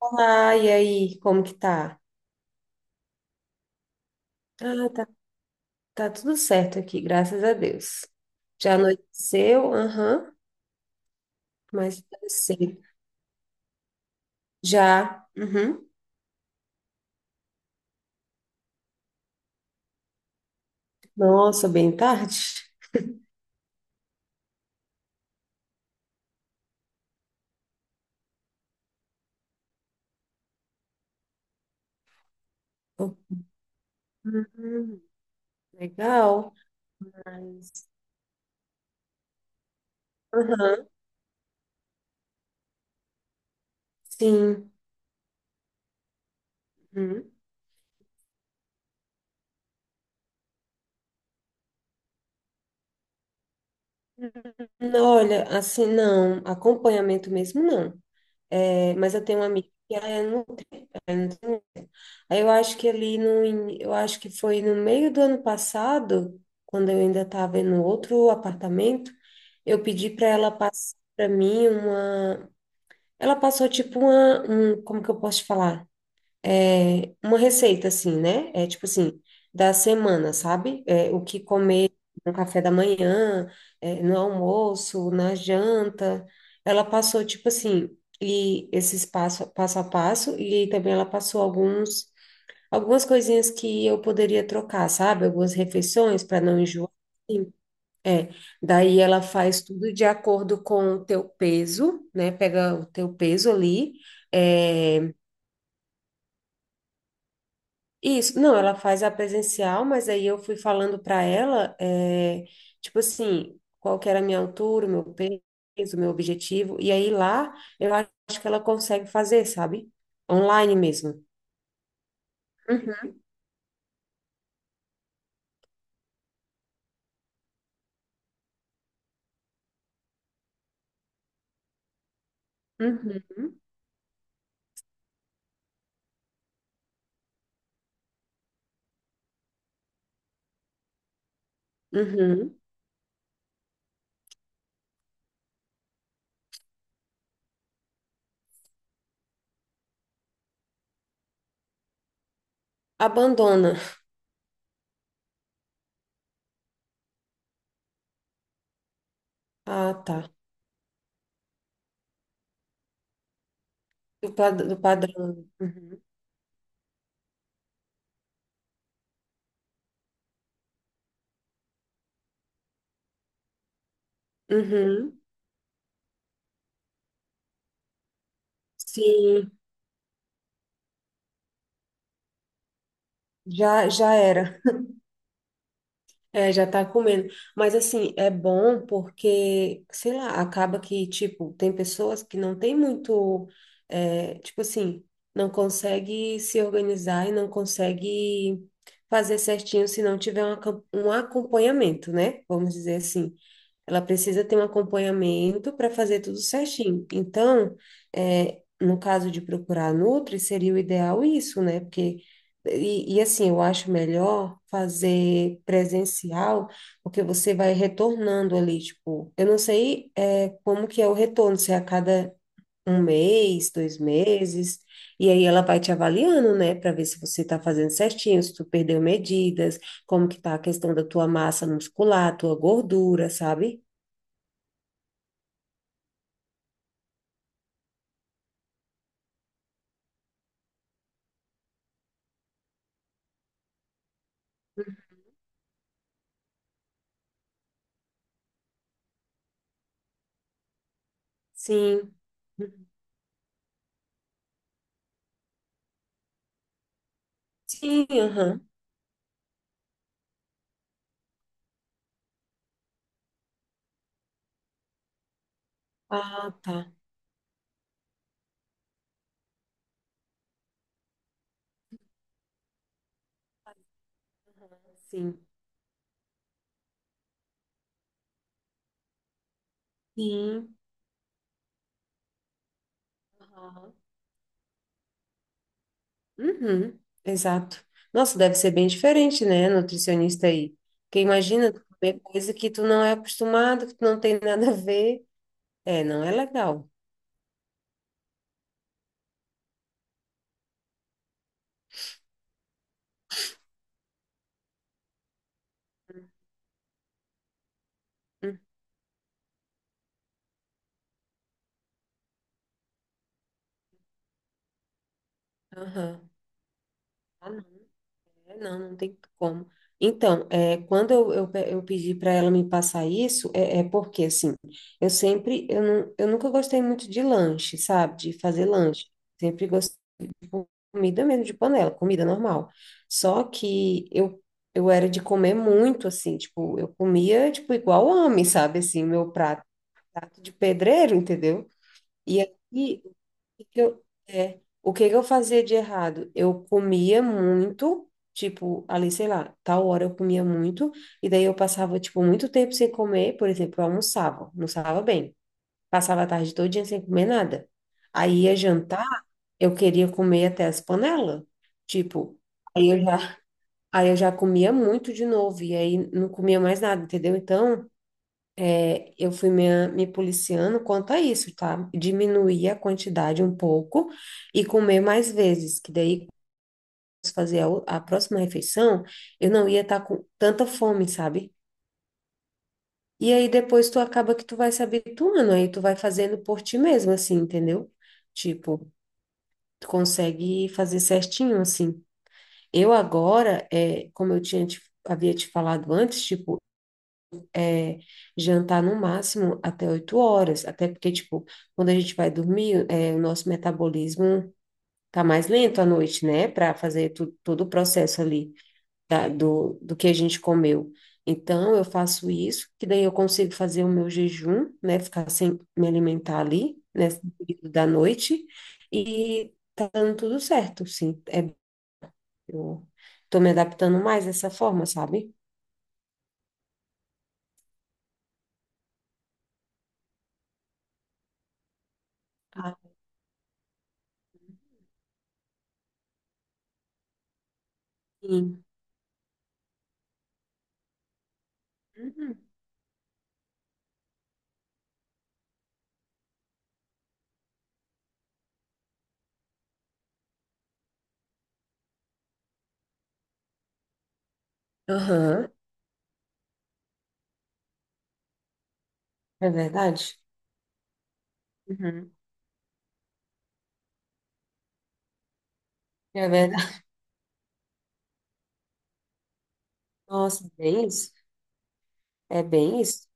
Olá, e aí, como que tá? Ah, tá, tá tudo certo aqui, graças a Deus. Já anoiteceu? Aham, mas sim. Já? Uhum. Nossa, bem tarde? Uhum, legal. Mas, aham, sim. Uhum. Não, olha, assim, não, acompanhamento mesmo não. É, mas eu tenho uma amiga que ela é. Então, aí eu acho que ali no, in- eu acho que foi no meio do ano passado, quando eu ainda estava no outro apartamento, eu pedi para ela passar para mim uma, ela passou tipo uma, um, como que eu posso te falar? É, uma receita assim, né? É tipo assim, da semana, sabe? É, o que comer no café da manhã, é, no almoço, na janta. Ela passou tipo assim, e esses passo a passo, e também ela passou alguns. Algumas coisinhas que eu poderia trocar, sabe? Algumas refeições para não enjoar. Sim, é, daí ela faz tudo de acordo com o teu peso, né? Pega o teu peso ali. É, isso, não, ela faz a presencial, mas aí eu fui falando para ela, é, tipo assim, qual que era a minha altura, o meu peso, o meu objetivo. E aí lá eu acho que ela consegue fazer, sabe? Online mesmo. Uhum, uhum, uhum. Abandona. Ah, tá. Do padrão. Uhum. Uhum. Sim, já era. É, já tá comendo. Mas assim, é bom porque, sei lá, acaba que, tipo, tem pessoas que não tem muito, é, tipo assim, não consegue se organizar e não consegue fazer certinho se não tiver um, um acompanhamento, né? Vamos dizer assim. Ela precisa ter um acompanhamento para fazer tudo certinho. Então, é, no caso de procurar a Nutri, seria o ideal isso, né? Porque, e assim, eu acho melhor fazer presencial, porque você vai retornando ali, tipo, eu não sei, é, como que é o retorno, se é a cada um mês, dois meses, e aí ela vai te avaliando, né, para ver se você está fazendo certinho, se tu perdeu medidas, como que tá a questão da tua massa muscular, tua gordura, sabe? Sim. Sim, aham. Ah, tá. Aham, sim. Sim. Aham. Uhum. Exato. Nossa, deve ser bem diferente, né, nutricionista aí. Porque imagina tu comer coisa que tu não é acostumado, que tu não tem nada a ver. É, não é legal. Hum, Aham. Ah, não. É, não, não tem como. Então, é, quando eu pedi para ela me passar isso, é, é porque, assim, eu sempre, não, eu nunca gostei muito de lanche, sabe? De fazer lanche. Sempre gostei de comida mesmo de panela, comida normal. Só que eu era de comer muito, assim, tipo, eu comia, tipo, igual homem, sabe? Assim, prato de pedreiro, entendeu? E aí, o que que eu fazia de errado? Eu comia muito, tipo, ali, sei lá, tal hora eu comia muito, e daí eu passava, tipo, muito tempo sem comer, por exemplo, eu almoçava, almoçava bem, passava a tarde todinha sem comer nada. Aí ia jantar, eu queria comer até as panelas, tipo, aí eu já, aí eu já comia muito de novo, e aí não comia mais nada, entendeu? Então, é, eu fui me policiando quanto a isso, tá? Diminuir a quantidade um pouco e comer mais vezes, que daí, quando eu fazer a próxima refeição, eu não ia estar com tanta fome, sabe? E aí depois tu acaba que tu vai se habituando, aí tu vai fazendo por ti mesmo, assim, entendeu? Tipo, tu consegue fazer certinho, assim. Eu agora, é, como eu tinha havia te falado antes, tipo, é, jantar no máximo até 8 horas, até porque, tipo, quando a gente vai dormir, é, o nosso metabolismo tá mais lento à noite, né, para fazer todo o processo ali do, do que a gente comeu. Então, eu faço isso, que daí eu consigo fazer o meu jejum, né, ficar sem me alimentar ali, nesse período da noite, e tá dando tudo certo, sim. É, eu tô me adaptando mais dessa forma, sabe? Ah, sim. Uhum. Aham, é verdade. Uhum. É verdade. Nossa, bem isso. É bem isso.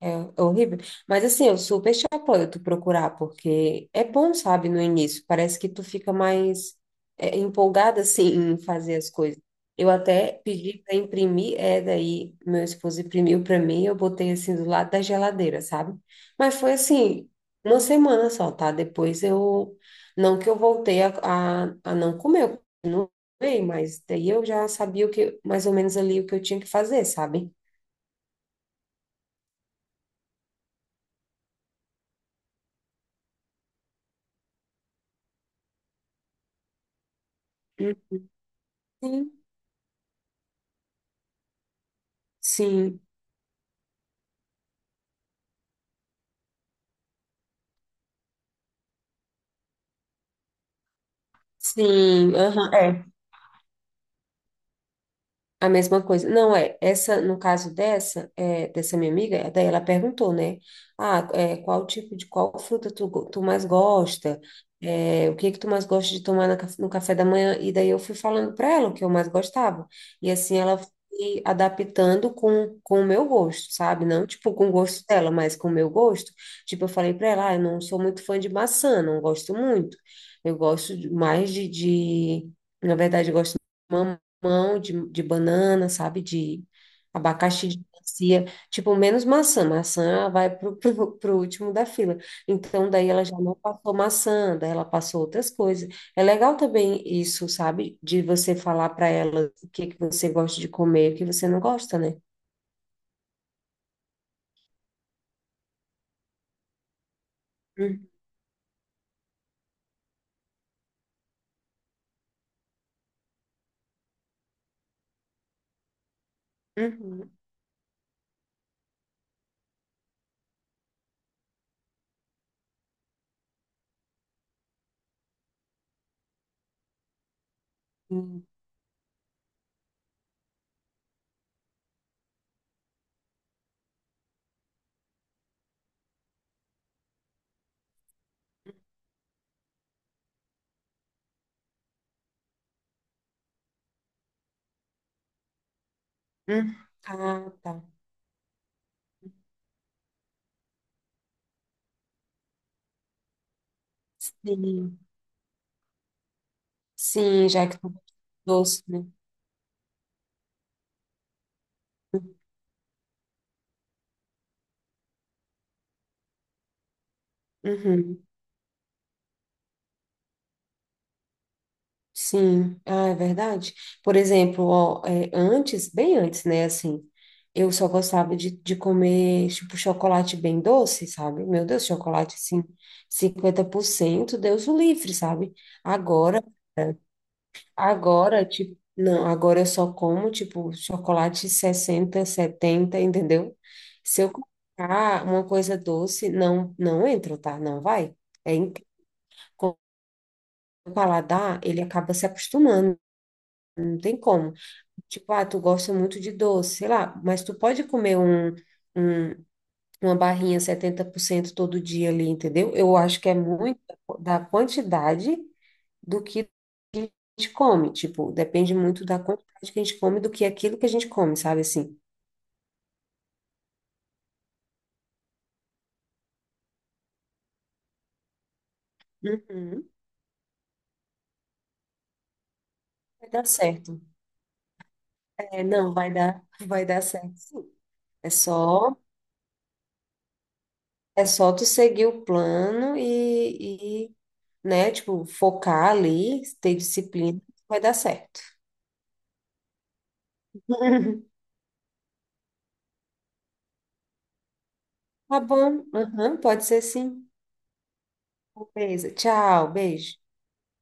É horrível. Mas assim, eu super te apoio tu procurar, porque é bom, sabe, no início. Parece que tu fica mais é, empolgada, assim, em fazer as coisas. Eu até pedi para imprimir, é, daí meu esposo imprimiu para mim, eu botei assim do lado da geladeira, sabe? Mas foi assim, uma semana só, tá? Depois eu. Não que eu voltei a não comer, eu continuei, mas daí eu já sabia o que, mais ou menos ali o que eu tinha que fazer, sabe? Sim. Sim, sim, aham, é. A mesma coisa. Não, é, essa, no caso dessa, é, dessa minha amiga, daí ela perguntou, né? Ah, é, qual fruta tu, tu mais gosta? É, o que que tu mais gosta de tomar na no café da manhã? E daí eu fui falando para ela o que eu mais gostava. E assim ela foi adaptando com o meu gosto, sabe? Não tipo com o gosto dela, mas com o meu gosto. Tipo, eu falei para ela, ah, eu não sou muito fã de maçã, não gosto muito. Eu gosto na verdade, eu gosto de mamão de banana, sabe? De abacaxi, de melancia. Tipo, menos maçã. Maçã vai pro último da fila. Então, daí ela já não passou maçã, daí ela passou outras coisas. É legal também isso, sabe? De você falar para ela o que que você gosta de comer, o que você não gosta, né? Hum, uhum, hum, hum. Ah, tá. Sim. Sim, já que tu gosta de doce, né? Uhum. Sim, ah, é verdade. Por exemplo, ó, é, antes, bem antes, né, assim, eu só gostava de comer, tipo, chocolate bem doce, sabe? Meu Deus, chocolate, assim, 50% Deus o livre, sabe? Agora, agora, tipo, não, agora eu só como, tipo, chocolate 60 70 entendeu? Se eu colocar uma coisa doce, não, não entra, tá? Não vai. É, com o paladar, ele acaba se acostumando, não tem como. Tipo, ah, tu gosta muito de doce, sei lá, mas tu pode comer um- uma barrinha 70% todo dia ali, entendeu? Eu acho que é muito da quantidade do que a gente come, tipo, depende muito da quantidade que a gente come do que aquilo que a gente come, sabe assim? Uhum, vai dar certo. É, não, vai dar, vai dar certo, sim. É só, é só tu seguir o plano né, tipo, focar ali, ter disciplina, vai dar certo. Tá bom, aham, pode ser sim. Beleza. Tchau, beijo.